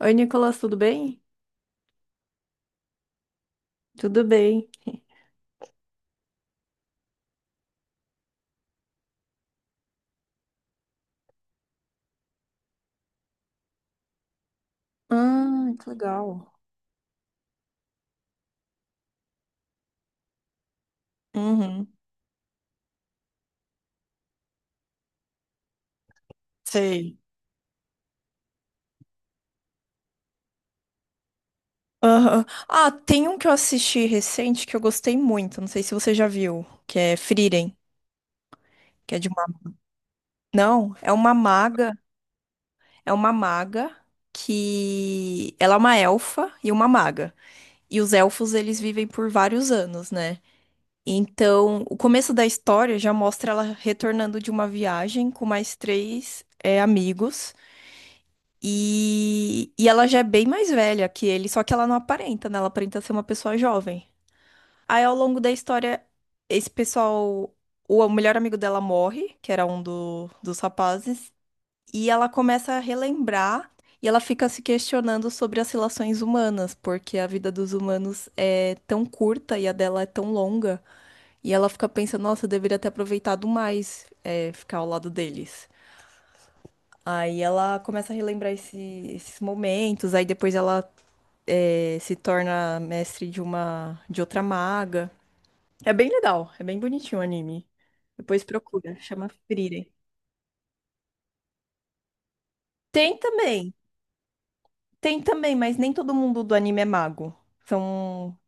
Oi, Nicolas, tudo bem? Tudo bem. Ah, que legal. Uhum, sei. Aham. Ah, tem um que eu assisti recente que eu gostei muito, não sei se você já viu, que é Frieren, que é de uma... Não, é uma maga que... Ela é uma elfa e uma maga. E os elfos, eles vivem por vários anos, né? Então, o começo da história já mostra ela retornando de uma viagem com mais três, amigos. E ela já é bem mais velha que ele, só que ela não aparenta, né? Ela aparenta ser uma pessoa jovem. Aí, ao longo da história, esse pessoal, o melhor amigo dela morre, que era dos rapazes, e ela começa a relembrar e ela fica se questionando sobre as relações humanas, porque a vida dos humanos é tão curta e a dela é tão longa. E ela fica pensando, nossa, eu deveria ter aproveitado mais, ficar ao lado deles. Aí ela começa a relembrar esses momentos, aí depois ela, se torna mestre de uma, de outra maga. É bem legal, é bem bonitinho o anime. Depois procura, chama Frieren. Tem também. Tem também, mas nem todo mundo do anime é mago. São.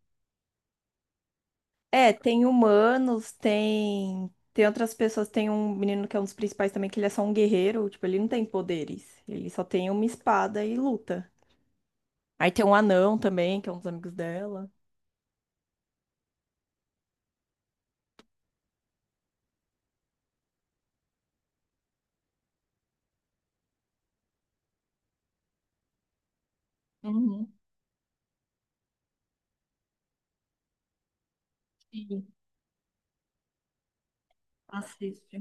É, tem humanos, tem. Tem outras pessoas, tem um menino que é um dos principais também, que ele é só um guerreiro, tipo, ele não tem poderes. Ele só tem uma espada e luta. Aí tem um anão também, que é um dos amigos dela. Uhum, sim, assiste.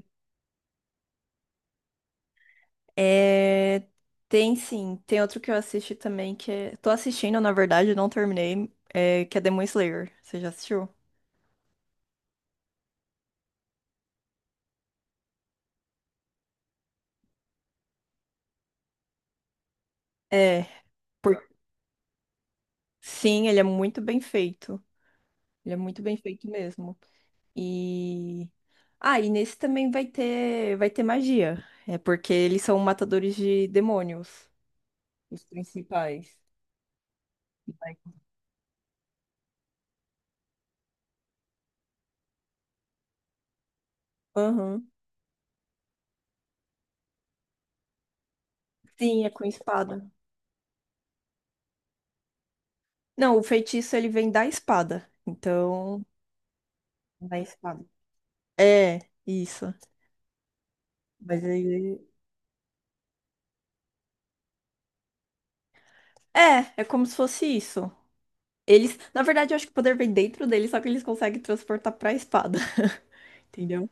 É, tem sim, tem outro que eu assisti também, que é... Tô assistindo, na verdade, não terminei, é... que é Demon Slayer. Você já assistiu? É, por... sim, ele é muito bem feito. Ele é muito bem feito mesmo. E e nesse também vai ter magia. É porque eles são matadores de demônios, os principais. Vai- Aham. Sim, é com espada. Não, o feitiço ele vem da espada. Então, da espada. É, isso. Mas ele é como se fosse isso. Eles, na verdade, eu acho que o poder vem dentro deles, só que eles conseguem transportar pra espada. Entendeu?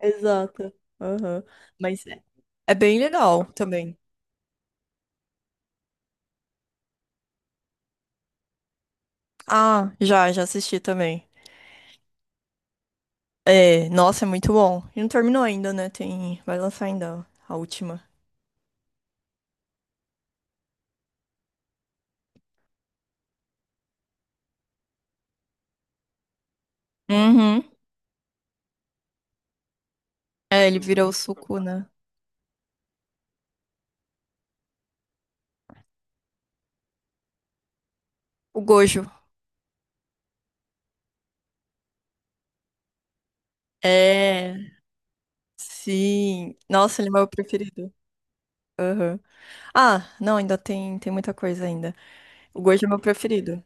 Exato. Aham. Mas é, é bem legal também. Ah, já, já assisti também. É, nossa, é muito bom. E não terminou ainda, né? Tem, vai lançar ainda a última. Uhum. É, ele vira o suco, né? O Gojo. É, sim. Nossa, ele é meu preferido. Aham. Ah, não, ainda tem, tem muita coisa ainda. O Gojo é meu preferido.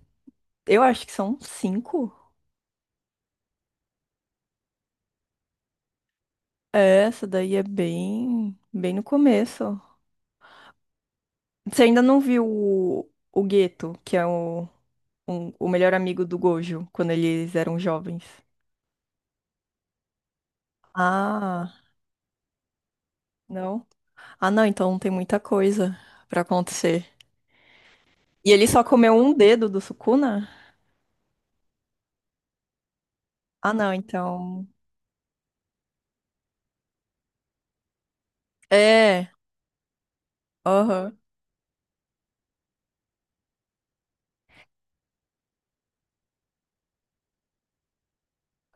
Eu acho que são cinco. É, essa daí é bem, bem no começo. Você ainda não viu o Geto, que é o, o melhor amigo do Gojo, quando eles eram jovens? Ah, não? Ah, não, então tem muita coisa pra acontecer. E ele só comeu um dedo do Sukuna? Ah, não, então. É, aham,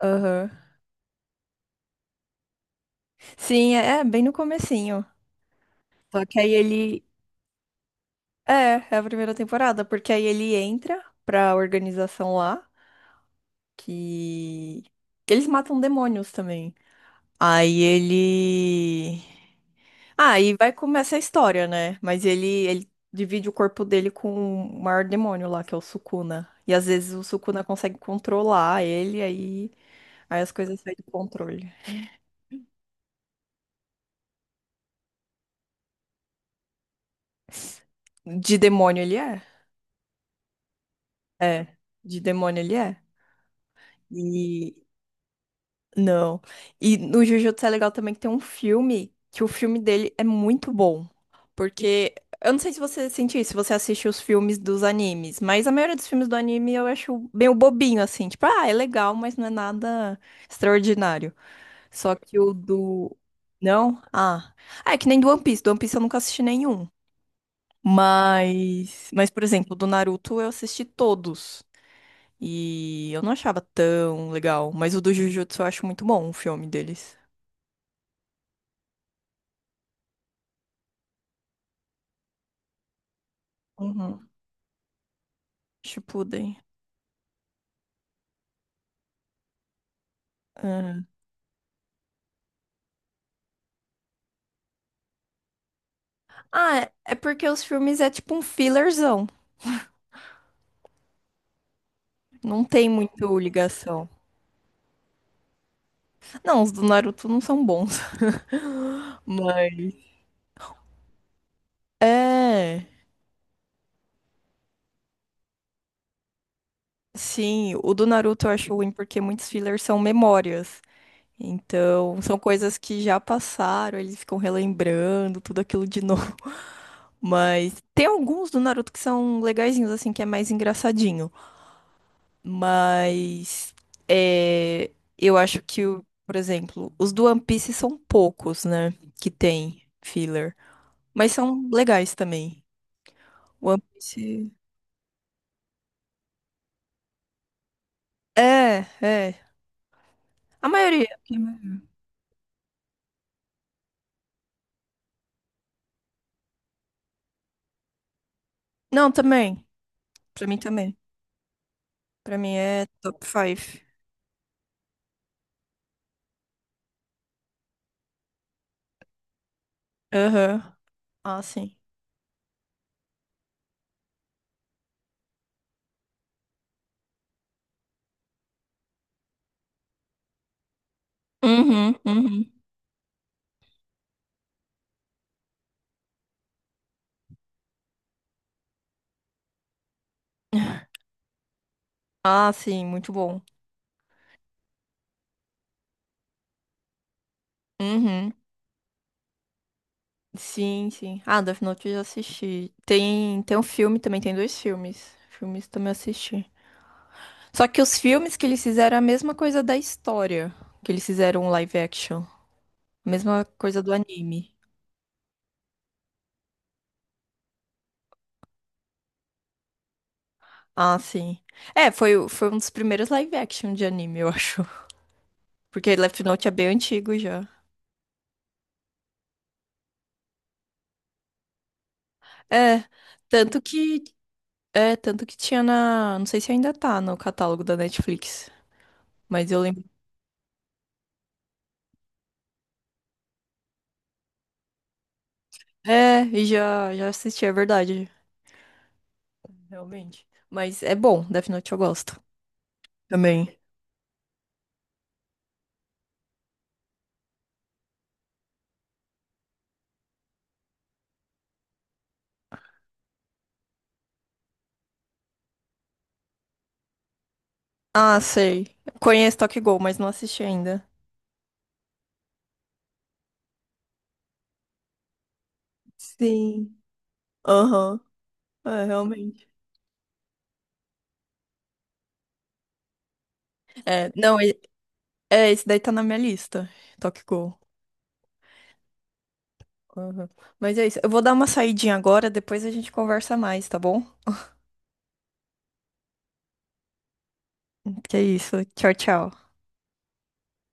aham. Sim, é, é bem no comecinho. Só que aí ele. É, é a primeira temporada, porque aí ele entra pra organização lá, que. Eles matam demônios também. Aí ele. Ah, e vai começar a história, né? Mas ele, divide o corpo dele com o maior demônio lá, que é o Sukuna. E às vezes o Sukuna consegue controlar ele, aí, aí as coisas saem do controle. De demônio ele é? É, de demônio ele é. Não. E no Jujutsu é legal também que tem um filme, que o filme dele é muito bom. Porque, eu não sei se você sentiu isso, se você assiste os filmes dos animes, mas a maioria dos filmes do anime eu acho meio bobinho, assim. Tipo, ah, é legal, mas não é nada extraordinário. Só que o do... Não? Ah. Ah, é que nem do One Piece. Do One Piece eu nunca assisti nenhum. Mas, por exemplo, do Naruto eu assisti todos. E eu não achava tão legal, mas o do Jujutsu eu acho muito bom, o filme deles. Uhum. Shippuden. Ah, Ah, é é porque os filmes é tipo um fillerzão. Não tem muito ligação. Não, os do Naruto não são bons. Mas. É. Sim, o do Naruto eu acho ruim porque muitos fillers são memórias. Então, são coisas que já passaram, eles ficam relembrando tudo aquilo de novo. Mas tem alguns do Naruto que são legaizinhos, assim, que é mais engraçadinho. Mas é, eu acho que, o- por exemplo, os do One Piece são poucos, né? Que tem filler. Mas são legais também. O One Piece. É, é. A maioria. Não, também. Pra mim também. Pra mim é top 5. Aham. Ah, sim. Uhum, uhum. Ah, sim, muito bom. Uhum. Sim, sim. Ah, Death Note eu já assisti. Tem, tem um filme também, tem dois filmes. Filmes também assisti. Só que os filmes que eles fizeram é a mesma coisa da história, que eles fizeram um live action, a mesma coisa do anime. Ah, sim. É, foi, foi um dos primeiros live action de anime, eu acho. Porque Left Note é bem antigo já. É, tanto que tanto que tinha na, não sei se ainda tá no catálogo da Netflix, mas eu lembro. É, já já assisti, é verdade, realmente. Mas é bom, Death Note eu gosto também. Ah, sei. Conheço Tokyo Ghoul, mas não assisti ainda. Sim. Aham. É, realmente. É, não, é, esse daí tá na minha lista. Tokyo Ghoul. Aham. Mas é isso. Eu vou dar uma saidinha agora, depois a gente conversa mais, tá bom? Que é isso. Tchau, tchau.